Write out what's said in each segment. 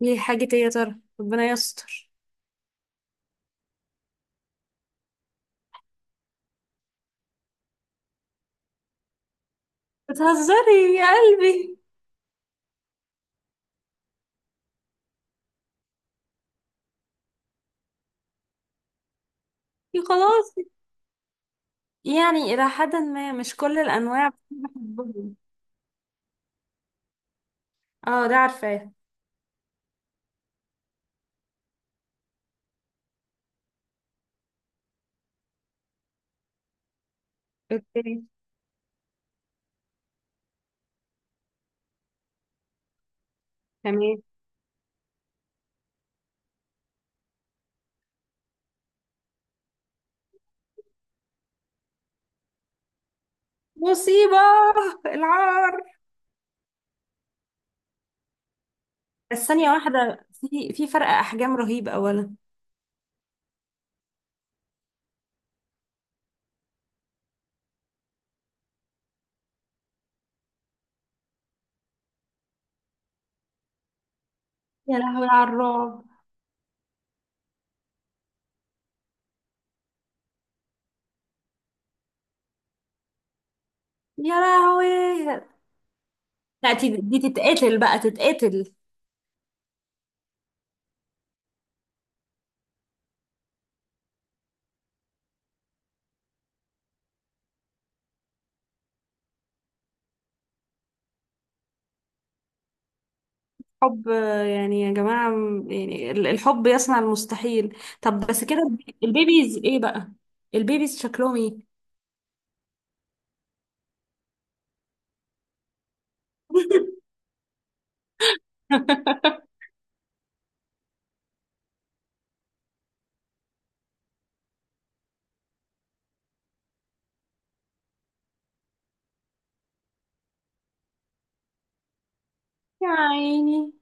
ليه؟ حاجة ايه يا ترى؟ ربنا يستر. بتهزري يا قلبي؟ يا خلاص، يعني إلى حد ما مش كل الأنواع بحبهم. اه ده عارفاه. اوكي. تمام. مصيبة. العار. بس ثانية واحدة، في فرق أحجام رهيب أولا. يا لهوي على الرعب. يا لهوي، لا دي تتقتل بقى، تتقتل. حب، يعني يا جماعة، الحب يصنع المستحيل. طب بس كده، البيبيز ايه بقى؟ البيبيز شكلهم ايه؟ يا عيني.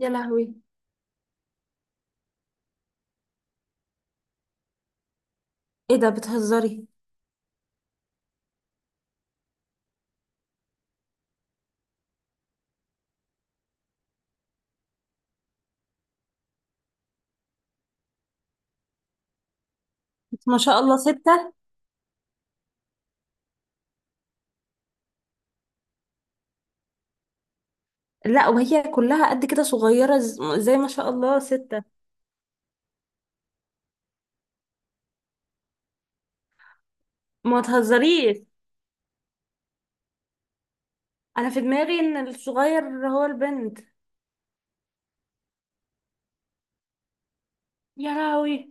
يا لهوي. ايه ده، بتهزري؟ ما شاء الله، ستة؟ لا، وهي كلها قد كده صغيرة، زي ما شاء الله ستة؟ ما تهزريش. انا في دماغي ان الصغير هو البنت. يا لهوي.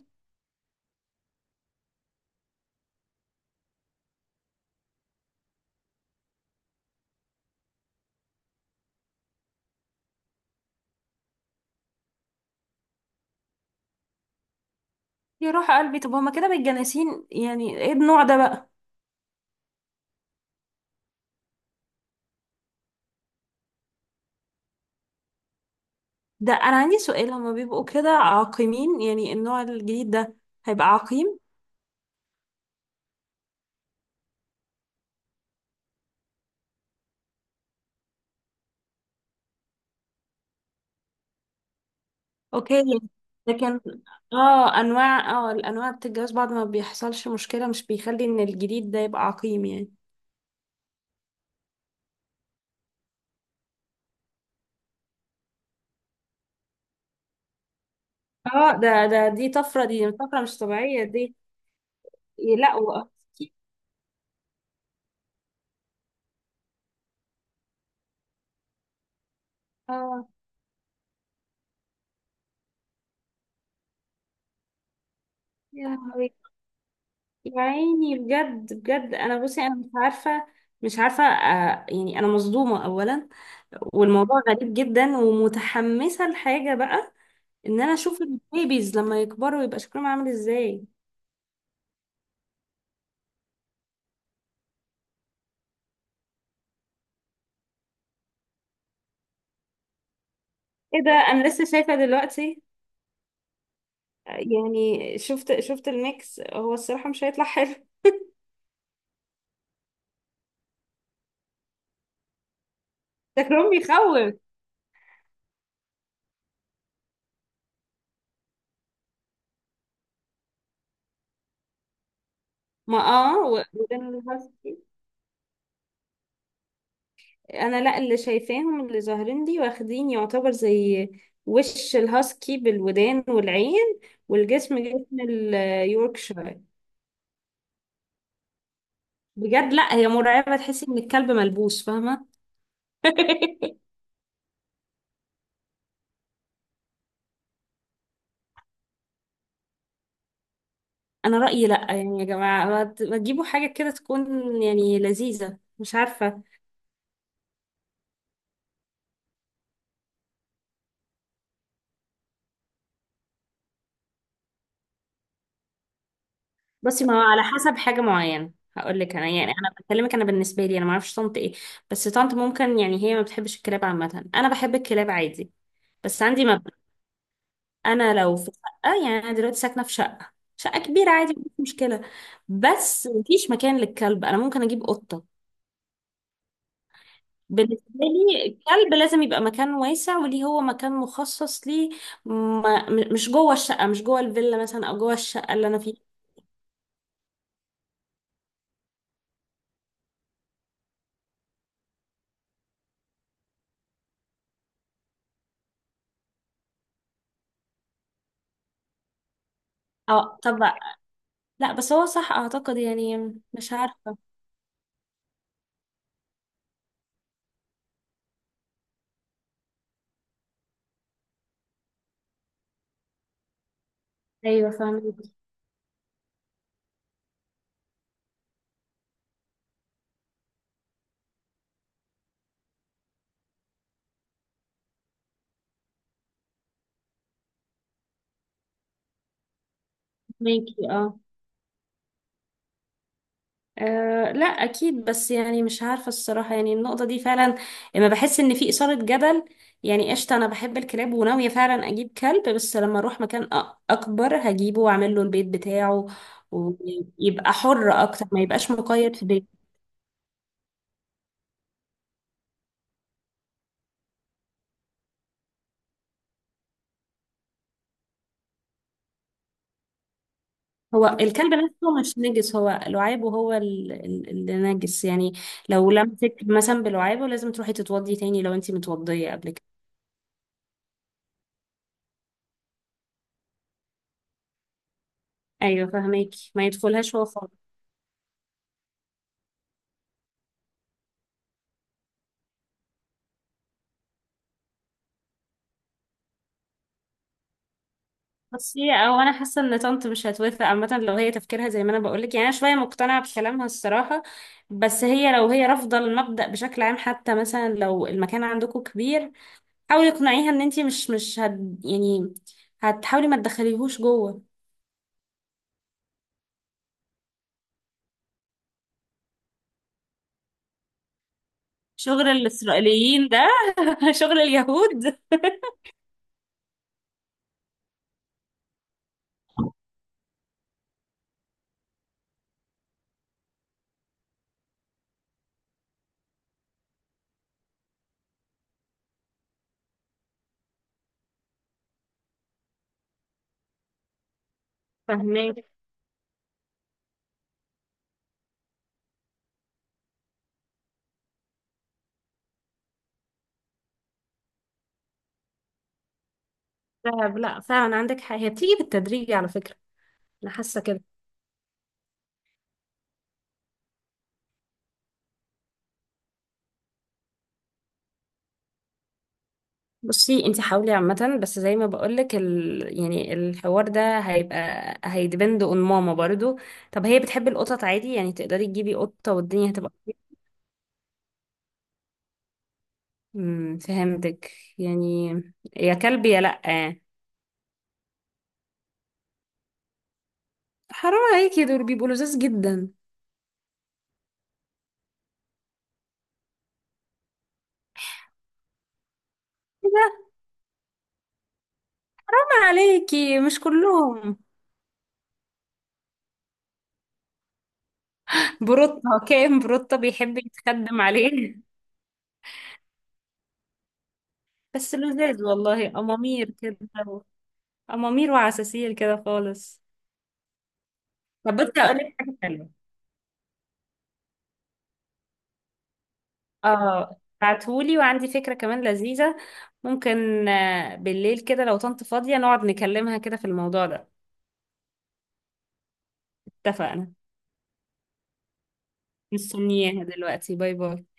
يا روح قلبي، طب هما كده متجانسين؟ يعني ايه النوع ده بقى؟ ده انا عندي سؤال، هما بيبقوا كده عاقمين يعني النوع الجديد ده؟ هيبقى عقيم؟ اوكي. لكن اه، انواع، اه الانواع بتتجوز بعض ما بيحصلش مشكلة، مش بيخلي ان الجديد ده يبقى عقيم يعني. اه ده دي طفرة، دي طفرة مش طبيعية دي. لا و- اه يا لهوي. يا عيني بجد بجد، انا بصي انا مش عارفة، مش عارفة يعني انا مصدومة اولا، والموضوع غريب جدا، ومتحمسة لحاجة بقى، ان انا اشوف البيبيز لما يكبروا يبقى شكلهم عامل ازاي. ايه ده، انا لسه شايفة دلوقتي. يعني شفت الميكس، هو الصراحة مش هيطلع حلو. شكلهم بيخوف. ما اه، وده اللي حصل فيه. انا لا، اللي شايفاهم اللي ظاهرين دي واخدين يعتبر زي وش الهاسكي بالودان والعين، والجسم جسم اليوركشاير. بجد لا، هي مرعبة، تحسي ان الكلب ملبوس، فاهمة؟ انا رأيي لا، يعني يا جماعة، ما تجيبوا حاجة كده تكون يعني لذيذة، مش عارفة. بصي، ما هو على حسب حاجة معينة. هقول لك انا، يعني انا بكلمك، انا بالنسبة لي انا ما اعرفش طنط ايه، بس طنط ممكن، يعني هي ما بتحبش الكلاب عامة. انا بحب الكلاب عادي، بس عندي مبدأ. انا لو في شقة، يعني انا دلوقتي ساكنة في شقة، شقة كبيرة عادي مفيش مشكلة، بس مفيش مكان للكلب، انا ممكن اجيب قطة. بالنسبة لي الكلب لازم يبقى مكان واسع، وليه هو مكان مخصص ليه. ما م- مش جوه الشقة، مش جوه الفيلا مثلا، او جوه الشقة اللي انا فيها. اه طب، لا بس هو صح اعتقد، يعني مش عارفة. ايوه فاهمك. ماكي اه، لا اكيد، بس يعني مش عارفه الصراحه، يعني النقطه دي فعلا لما بحس ان في اثاره جدل. يعني قشطه، انا بحب الكلاب وناويه فعلا اجيب كلب، بس لما اروح مكان اكبر هجيبه واعمل له البيت بتاعه، ويبقى حر اكتر، ما يبقاش مقيد في بيت. هو الكلب نفسه مش نجس، هو لعابه هو اللي نجس يعني. لو لمسك مثلا بلعابه لازم تروحي تتوضي تاني لو انتي متوضيه قبل كده. ايوه فاهماكي، ما يدخلهاش هو. بصي، او انا حاسه ان طنط مش هتوافق عامه، لو هي تفكيرها زي ما انا بقولك، يعني انا شويه مقتنعه بكلامها الصراحه. بس هي لو هي رافضه المبدا بشكل عام، حتى مثلا لو المكان عندكم كبير، حاولي اقنعيها ان انتي مش هت، يعني هتحاولي ما تدخليهوش جوه. شغل الاسرائيليين ده. شغل اليهود. فهماك. لا، لا، فعلا عندك حق، هي بتيجي بالتدريج على فكره. انا حاسه كده. بصي انت حاولي عامة، بس زي ما بقولك يعني الحوار ده هيبقى، هيدبند اون ماما برضو. طب هي بتحب القطط عادي؟ يعني تقدري تجيبي قطة والدنيا هتبقى. فهمتك. يعني يا كلب يا لأ. حرام عليكي، دول بيبقوا لذاذ جدا. حرام عليكي، مش كلهم. بروتة. كام بروتة بيحب يتخدم عليه. بس لذاذ والله، أمامير كده، أمامير وعساسير كده خالص. طب بصي أقولك حاجة حلوة. اه بعتهولي، وعندي فكرة كمان لذيذة. ممكن بالليل كده لو طنط فاضية نقعد نكلمها كده في الموضوع ده. اتفقنا. مستنياها دلوقتي، باي باي.